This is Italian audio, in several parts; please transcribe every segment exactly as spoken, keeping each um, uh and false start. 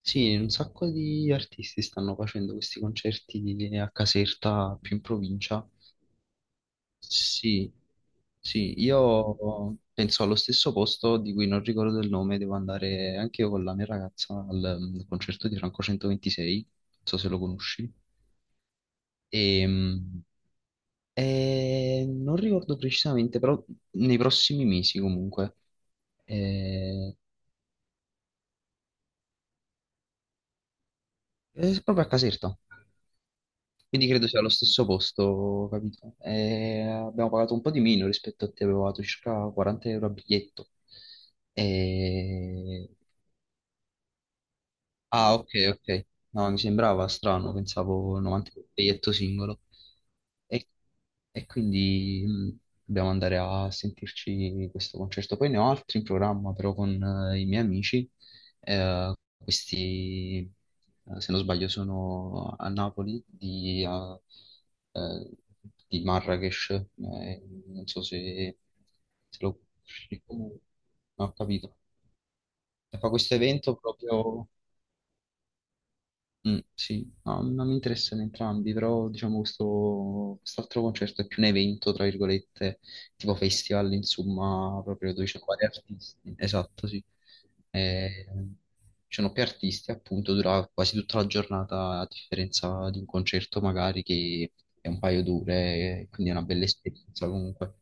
Sì, un sacco di artisti stanno facendo questi concerti di- a Caserta, più in provincia. Sì, sì, io penso allo stesso posto di cui non ricordo il nome, devo andare anche io con la mia ragazza al mm, concerto di Franco centoventisei, non so se lo conosci. Ehm, E, mm, eh, non ricordo precisamente, però nei prossimi mesi comunque. Eh, è proprio a Caserta. Quindi credo sia lo stesso posto, capito? E abbiamo pagato un po' di meno rispetto a te, abbiamo pagato circa quaranta euro a biglietto. E Ah, ok, ok. No, mi sembrava strano, pensavo novanta per biglietto singolo. E, e quindi mh, dobbiamo andare a sentirci questo concerto. Poi ne ho altri in programma, però con eh, i miei amici. Eh, questi, eh, se non sbaglio, sono a Napoli di, eh, eh, di Marrakesh. Eh, non so se, se lo conosci. Non ho capito. E fa questo evento proprio... Mm, sì, no, non mi interessano entrambi, però diciamo questo quest'altro concerto è più un evento, tra virgolette, tipo festival, insomma, proprio dove ci sono vari artisti. Esatto, sì. Eh, Ci sono più artisti, appunto, dura quasi tutta la giornata, a differenza di un concerto magari che è un paio d'ore, eh, quindi è una bella esperienza comunque.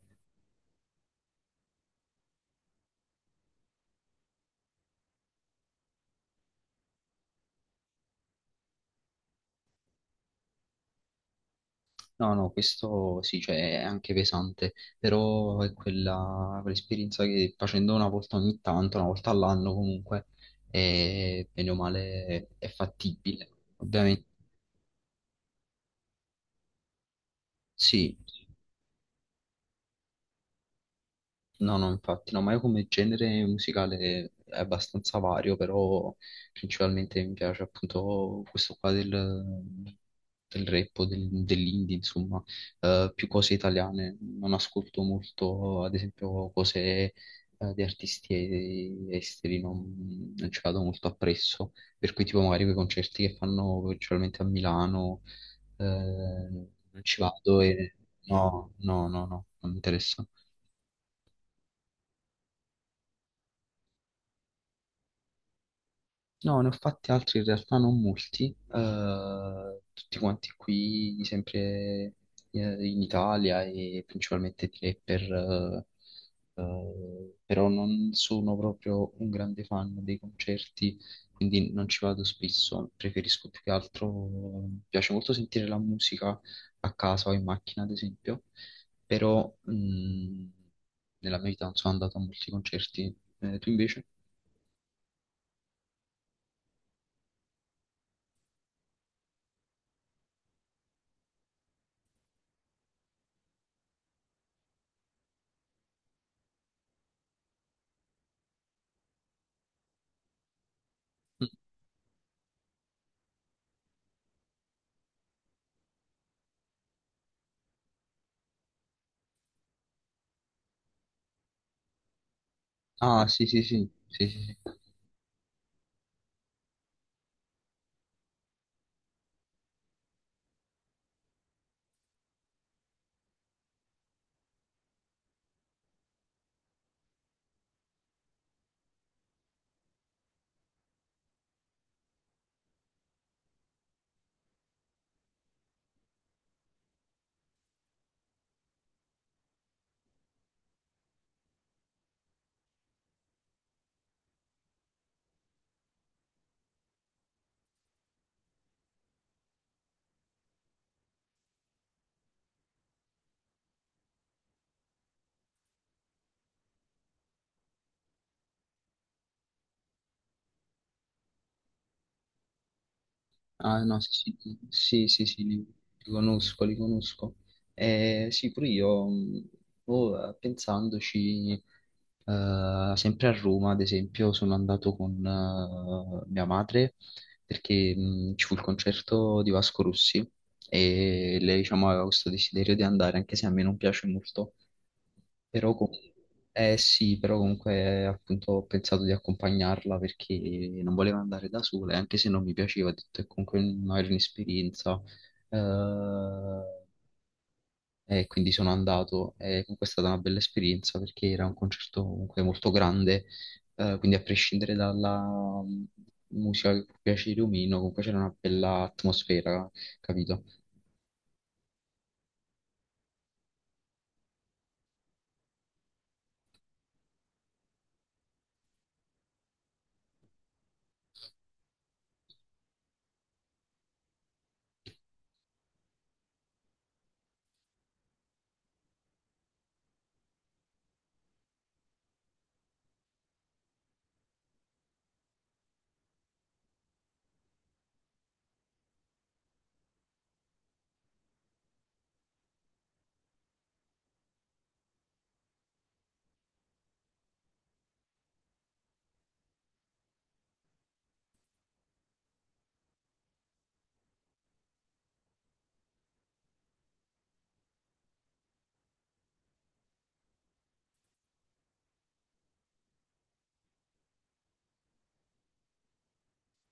No, no, questo sì, cioè è anche pesante, però è quella, quell'esperienza che facendo una volta ogni tanto, una volta all'anno comunque, è, bene o male è fattibile. Ovviamente sì. No, no, infatti, no, ma io come genere musicale è abbastanza vario, però principalmente mi piace appunto questo qua del, del rap o del- dell'indie, insomma. Eh, più cose italiane. Non ascolto molto, ad esempio, cose eh, di artisti e- esteri, non, non ci vado molto appresso, per cui tipo magari quei concerti che fanno principalmente a Milano, eh, non ci vado e no, no, no, no, non mi interessa. No, ne ho fatti altri in realtà non molti, eh, tutti quanti qui, sempre eh, in Italia e principalmente di rapper, eh, eh, però non sono proprio un grande fan dei concerti, quindi non ci vado spesso, preferisco più che altro, mi piace molto sentire la musica a casa o in macchina ad esempio, però mh, nella mia vita non sono andato a molti concerti. Eh, tu invece? Mm. Ah, sì, sì, sì, sì, sì, sì. Ah, no, sì, sì, sì, sì, li, li conosco, li conosco. Eh, sì, pure io, mh, boh, eh, pensandoci, eh, sempre a Roma, ad esempio, sono andato con eh, mia madre perché mh, ci fu il concerto di Vasco Rossi e lei, diciamo, aveva questo desiderio di andare, anche se a me non piace molto. Però, com- eh sì, però comunque eh, appunto ho pensato di accompagnarla perché non volevo andare da sola, e anche se non mi piaceva, ho detto è comunque un- magari un'esperienza. eh, e quindi sono andato e comunque è stata una bella esperienza perché era un concerto comunque molto grande, eh, quindi a prescindere dalla mm, musica che può piacere o meno, comunque c'era una bella atmosfera, capito?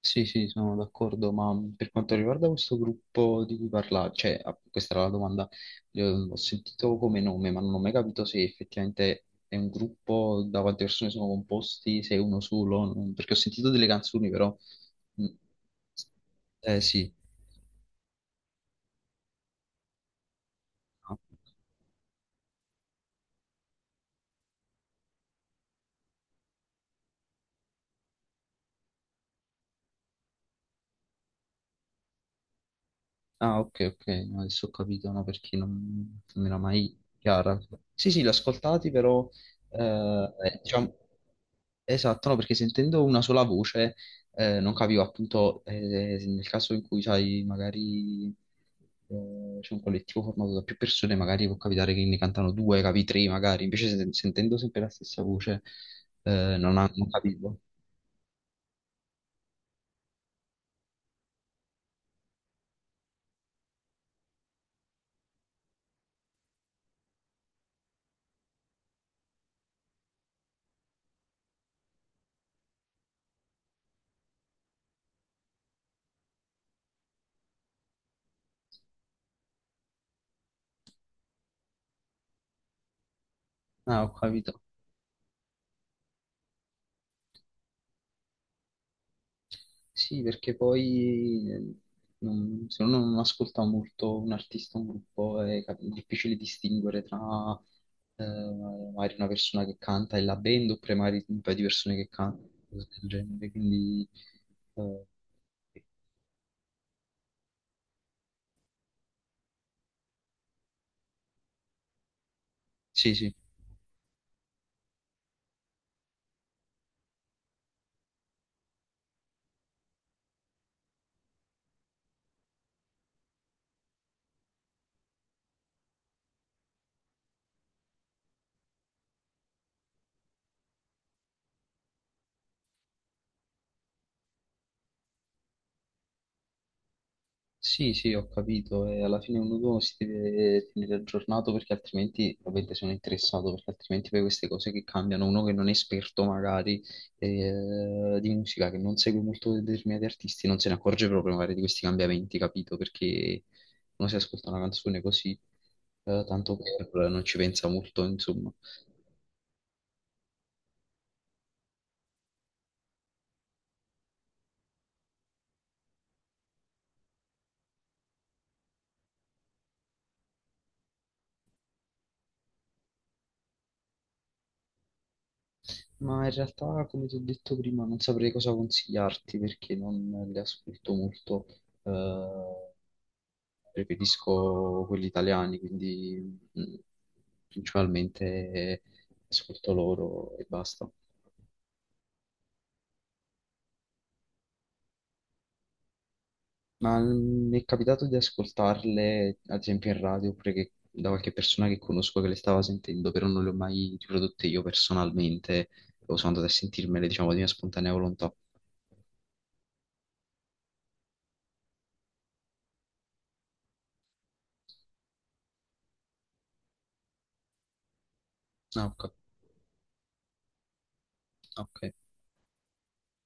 Sì, sì, sono d'accordo, ma mhmm, per quanto riguarda questo gruppo di cui parla, cioè, ah, questa era la domanda, eh, ho sentito come nome, ma non ho mai capito se effettivamente è un gruppo, da quante persone sono composti, se è uno solo, non- perché ho sentito delle canzoni, però... mm. Eh sì. Ah, ok, ok, no, adesso ho capito, no, perché non, non mi era mai chiara. Sì, sì, l'ho ascoltati, però, eh, eh, diciamo, esatto, no, perché sentendo una sola voce, eh, non capivo appunto, eh, nel caso in cui, sai, magari eh, c'è un collettivo formato da più persone, magari può capitare che ne cantano due, capi tre, magari, invece sen- sentendo sempre la stessa voce, eh, non, ha- non capivo. Ah, ho capito. Sì, perché poi eh, non- se uno non ascolta molto un artista, un gruppo, è cap- difficile distinguere tra eh, magari una persona che canta e la band oppure magari un paio di persone che cantano, cose del genere. Quindi eh, sì, sì. Sì, sì, ho capito. E alla fine ognuno si deve tenere aggiornato perché altrimenti, ovviamente sono interessato, perché altrimenti poi queste cose che cambiano, uno che non è esperto magari eh, di musica, che non segue molto determinati artisti, non se ne accorge proprio magari di questi cambiamenti, capito? Perché uno si ascolta una canzone così, eh, tanto per, non ci pensa molto, insomma. Ma in realtà, come ti ho detto prima, non saprei cosa consigliarti perché non le ascolto molto. Eh, preferisco quelli italiani, quindi mh, principalmente ascolto loro e basta. Ma mh, mi è capitato di ascoltarle, ad esempio, in radio, oppure che- da qualche persona che conosco che le stava sentendo, però non le ho mai riprodotte io personalmente, o sono andato a sentirmele, diciamo, di mia spontanea volontà. Ah, ok. Ok.